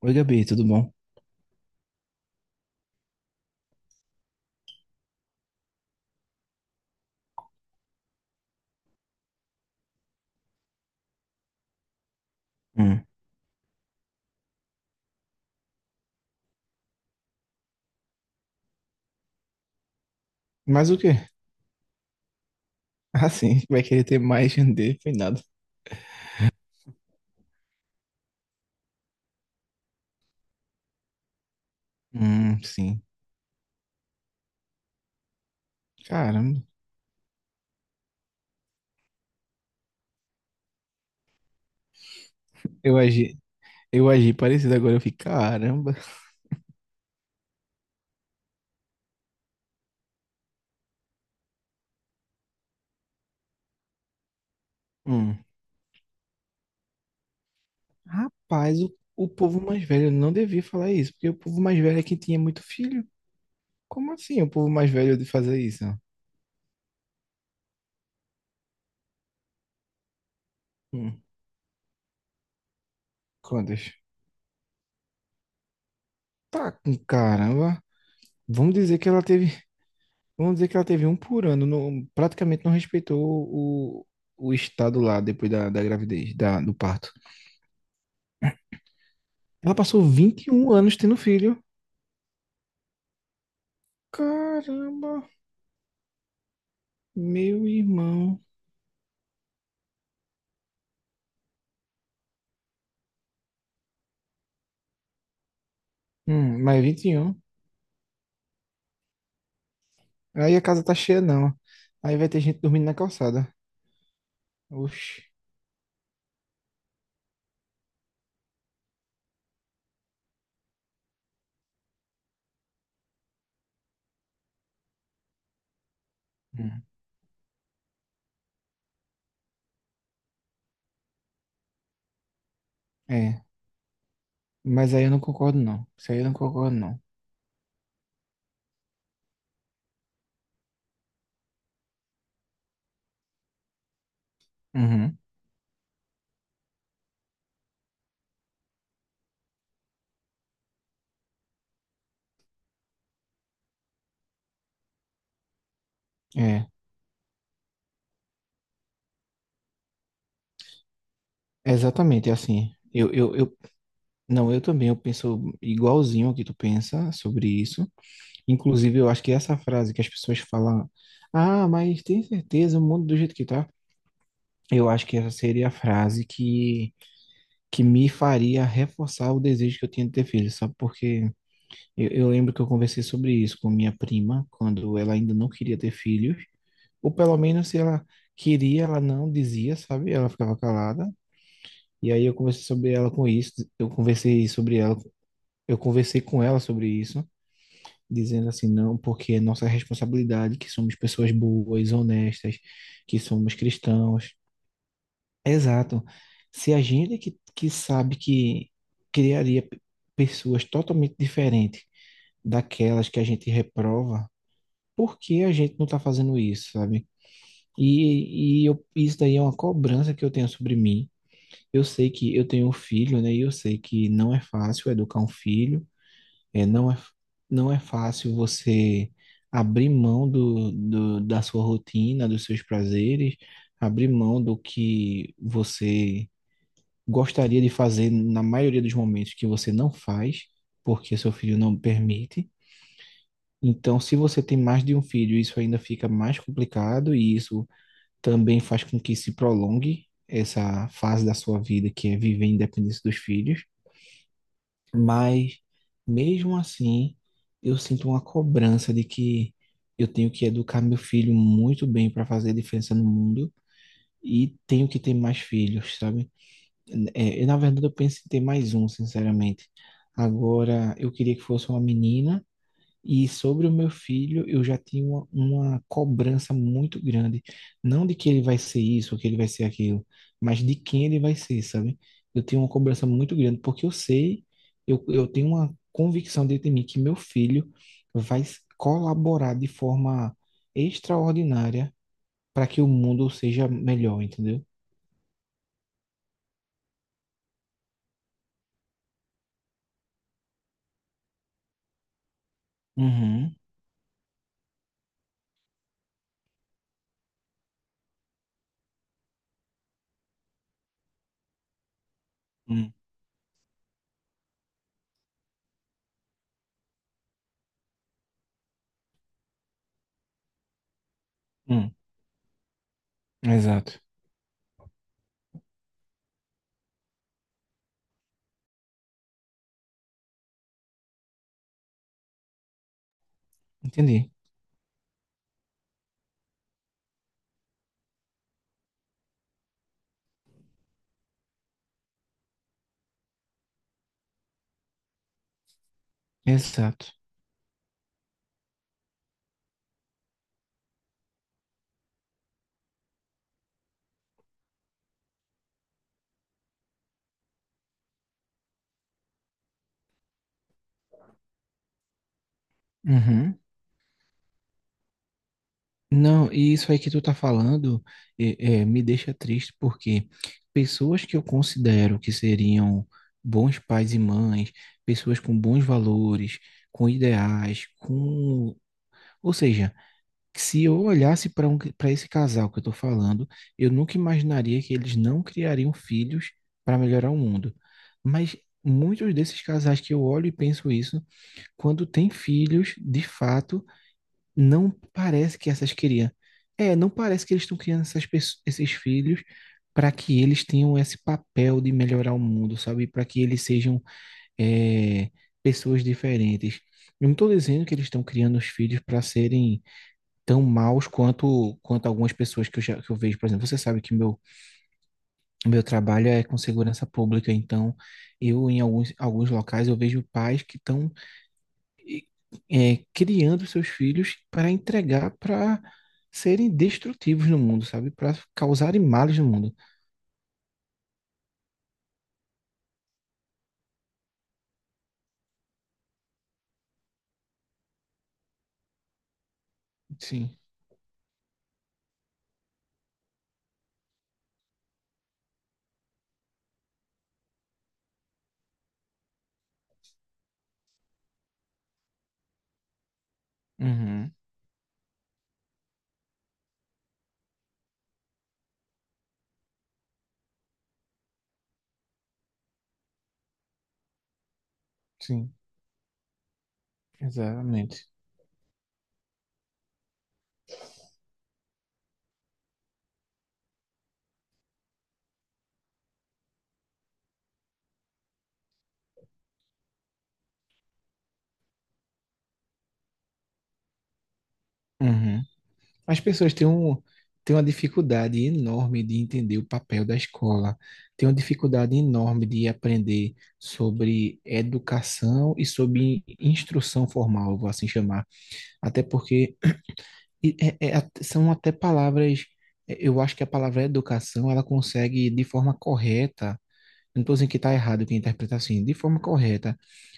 Oi, Gabi, tudo bom? Hum, Mas o quê? Ah, sim, vai querer ter mais dele, foi nada. Hum, sim. Caramba, eu agi, eu agi parecido agora, eu fico, caramba. Hum, Rapaz, o povo mais velho não devia falar isso, porque o povo mais velho é quem tinha muito filho. Como assim o povo mais velho de fazer isso? Hum. Quantas? Tá com caramba. Vamos dizer que ela teve, vamos dizer que ela teve um por ano, praticamente não respeitou o estado lá depois da gravidez, do parto. Ela passou 21 anos tendo filho. Caramba, meu irmão. Mas 21. Aí a casa tá cheia, não. Aí vai ter gente dormindo na calçada. Oxi. Hum, É, mas aí eu não concordo, não. Isso aí eu não concordo, não. Uhum. É, exatamente assim. Não, eu também, eu penso igualzinho ao que tu pensa sobre isso. Inclusive, eu acho que essa frase que as pessoas falam, ah, mas tem certeza, o mundo do jeito que tá. Eu acho que essa seria a frase que me faria reforçar o desejo que eu tinha de ter filho, sabe? Porque eu lembro que eu conversei sobre isso com minha prima, quando ela ainda não queria ter filhos, ou pelo menos se ela queria, ela não dizia, sabe? Ela ficava calada. E aí eu conversei sobre ela com isso, eu conversei sobre ela, eu conversei com ela sobre isso, dizendo assim: não, porque é nossa responsabilidade, que somos pessoas boas, honestas, que somos cristãos. Exato. Se a gente que sabe que criaria pessoas totalmente diferentes daquelas que a gente reprova, por que a gente não está fazendo isso, sabe? E isso daí é uma cobrança que eu tenho sobre mim. Eu sei que eu tenho um filho, né? E eu sei que não é fácil educar um filho, é, não é, não é fácil você abrir mão da sua rotina, dos seus prazeres, abrir mão do que você gostaria de fazer na maioria dos momentos que você não faz, porque seu filho não permite. Então, se você tem mais de um filho, isso ainda fica mais complicado, e isso também faz com que se prolongue essa fase da sua vida, que é viver independência dos filhos. Mas mesmo assim, eu sinto uma cobrança de que eu tenho que educar meu filho muito bem para fazer a diferença no mundo e tenho que ter mais filhos, sabe? É, eu, na verdade, eu penso em ter mais um, sinceramente. Agora, eu queria que fosse uma menina. E sobre o meu filho, eu já tinha uma cobrança muito grande. Não de que ele vai ser isso ou que ele vai ser aquilo, mas de quem ele vai ser, sabe? Eu tenho uma cobrança muito grande, porque eu sei, eu tenho uma convicção dentro de mim que meu filho vai colaborar de forma extraordinária para que o mundo seja melhor, entendeu? Uhum, hum, hum, exato. Entendi. Exato. Uhum. Não, e isso aí que tu tá falando me deixa triste, porque pessoas que eu considero que seriam bons pais e mães, pessoas com bons valores, com ideais, com. Ou seja, que se eu olhasse para para esse casal que eu tô falando, eu nunca imaginaria que eles não criariam filhos para melhorar o mundo. Mas muitos desses casais que eu olho e penso isso, quando têm filhos, de fato não parece que essas queriam. É, não parece que eles estão criando essas esses filhos para que eles tenham esse papel de melhorar o mundo, sabe? Para que eles sejam é, pessoas diferentes. Eu não estou dizendo que eles estão criando os filhos para serem tão maus quanto algumas pessoas que eu vejo, por exemplo. Você sabe que meu trabalho é com segurança pública, então eu em alguns locais eu vejo pais que estão e, criando seus filhos para entregar para serem destrutivos no mundo, sabe? Para causarem males no mundo. Sim. Uhum. Sim, exatamente. Uhum. As pessoas têm uma dificuldade enorme de entender o papel da escola, têm uma dificuldade enorme de aprender sobre educação e sobre instrução formal, vou assim chamar. Até porque são até palavras, eu acho que a palavra educação, ela consegue, de forma correta, não estou dizendo que está errado quem interpreta assim, de forma correta,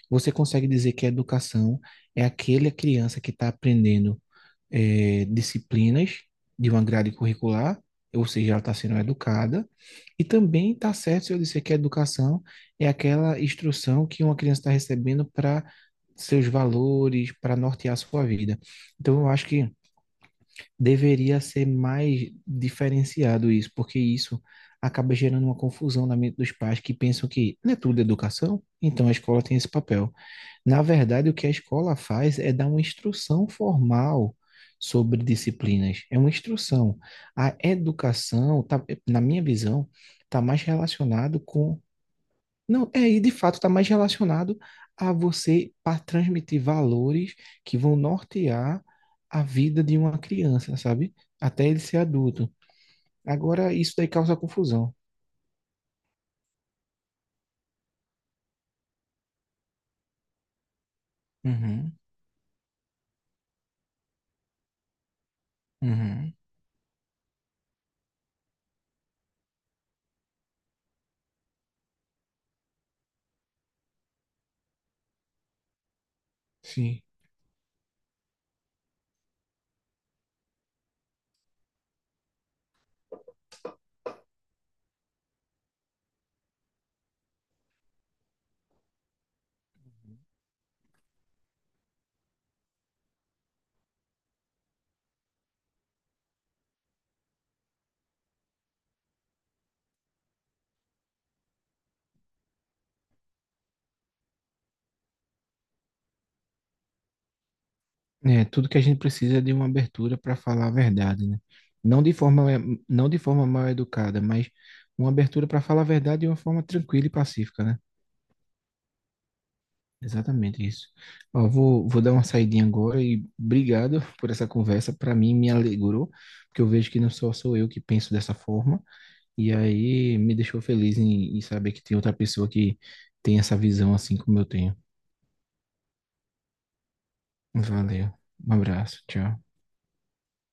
você consegue dizer que a educação é aquele a criança que está aprendendo disciplinas de uma grade curricular, ou seja, ela está sendo educada, e também está certo se eu disser que a educação é aquela instrução que uma criança está recebendo para seus valores, para nortear a sua vida. Então, eu acho que deveria ser mais diferenciado isso, porque isso acaba gerando uma confusão na mente dos pais, que pensam que não é tudo educação, então a escola tem esse papel. Na verdade, o que a escola faz é dar uma instrução formal sobre disciplinas, é uma instrução. A educação, tá, na minha visão, está mais relacionado com não, e de fato está mais relacionado a você para transmitir valores que vão nortear a vida de uma criança, sabe? Até ele ser adulto. Agora, isso daí causa confusão. Uhum, uhum, sim. É, tudo que a gente precisa é de uma abertura para falar a verdade, né? Não de forma, não de forma mal educada, mas uma abertura para falar a verdade de uma forma tranquila e pacífica, né? Exatamente isso. Ó, vou dar uma saidinha agora e obrigado por essa conversa. Para mim, me alegrou, porque eu vejo que não só sou eu que penso dessa forma. E aí me deixou feliz em saber que tem outra pessoa que tem essa visão assim como eu tenho. Valeu. Um abraço. Tchau.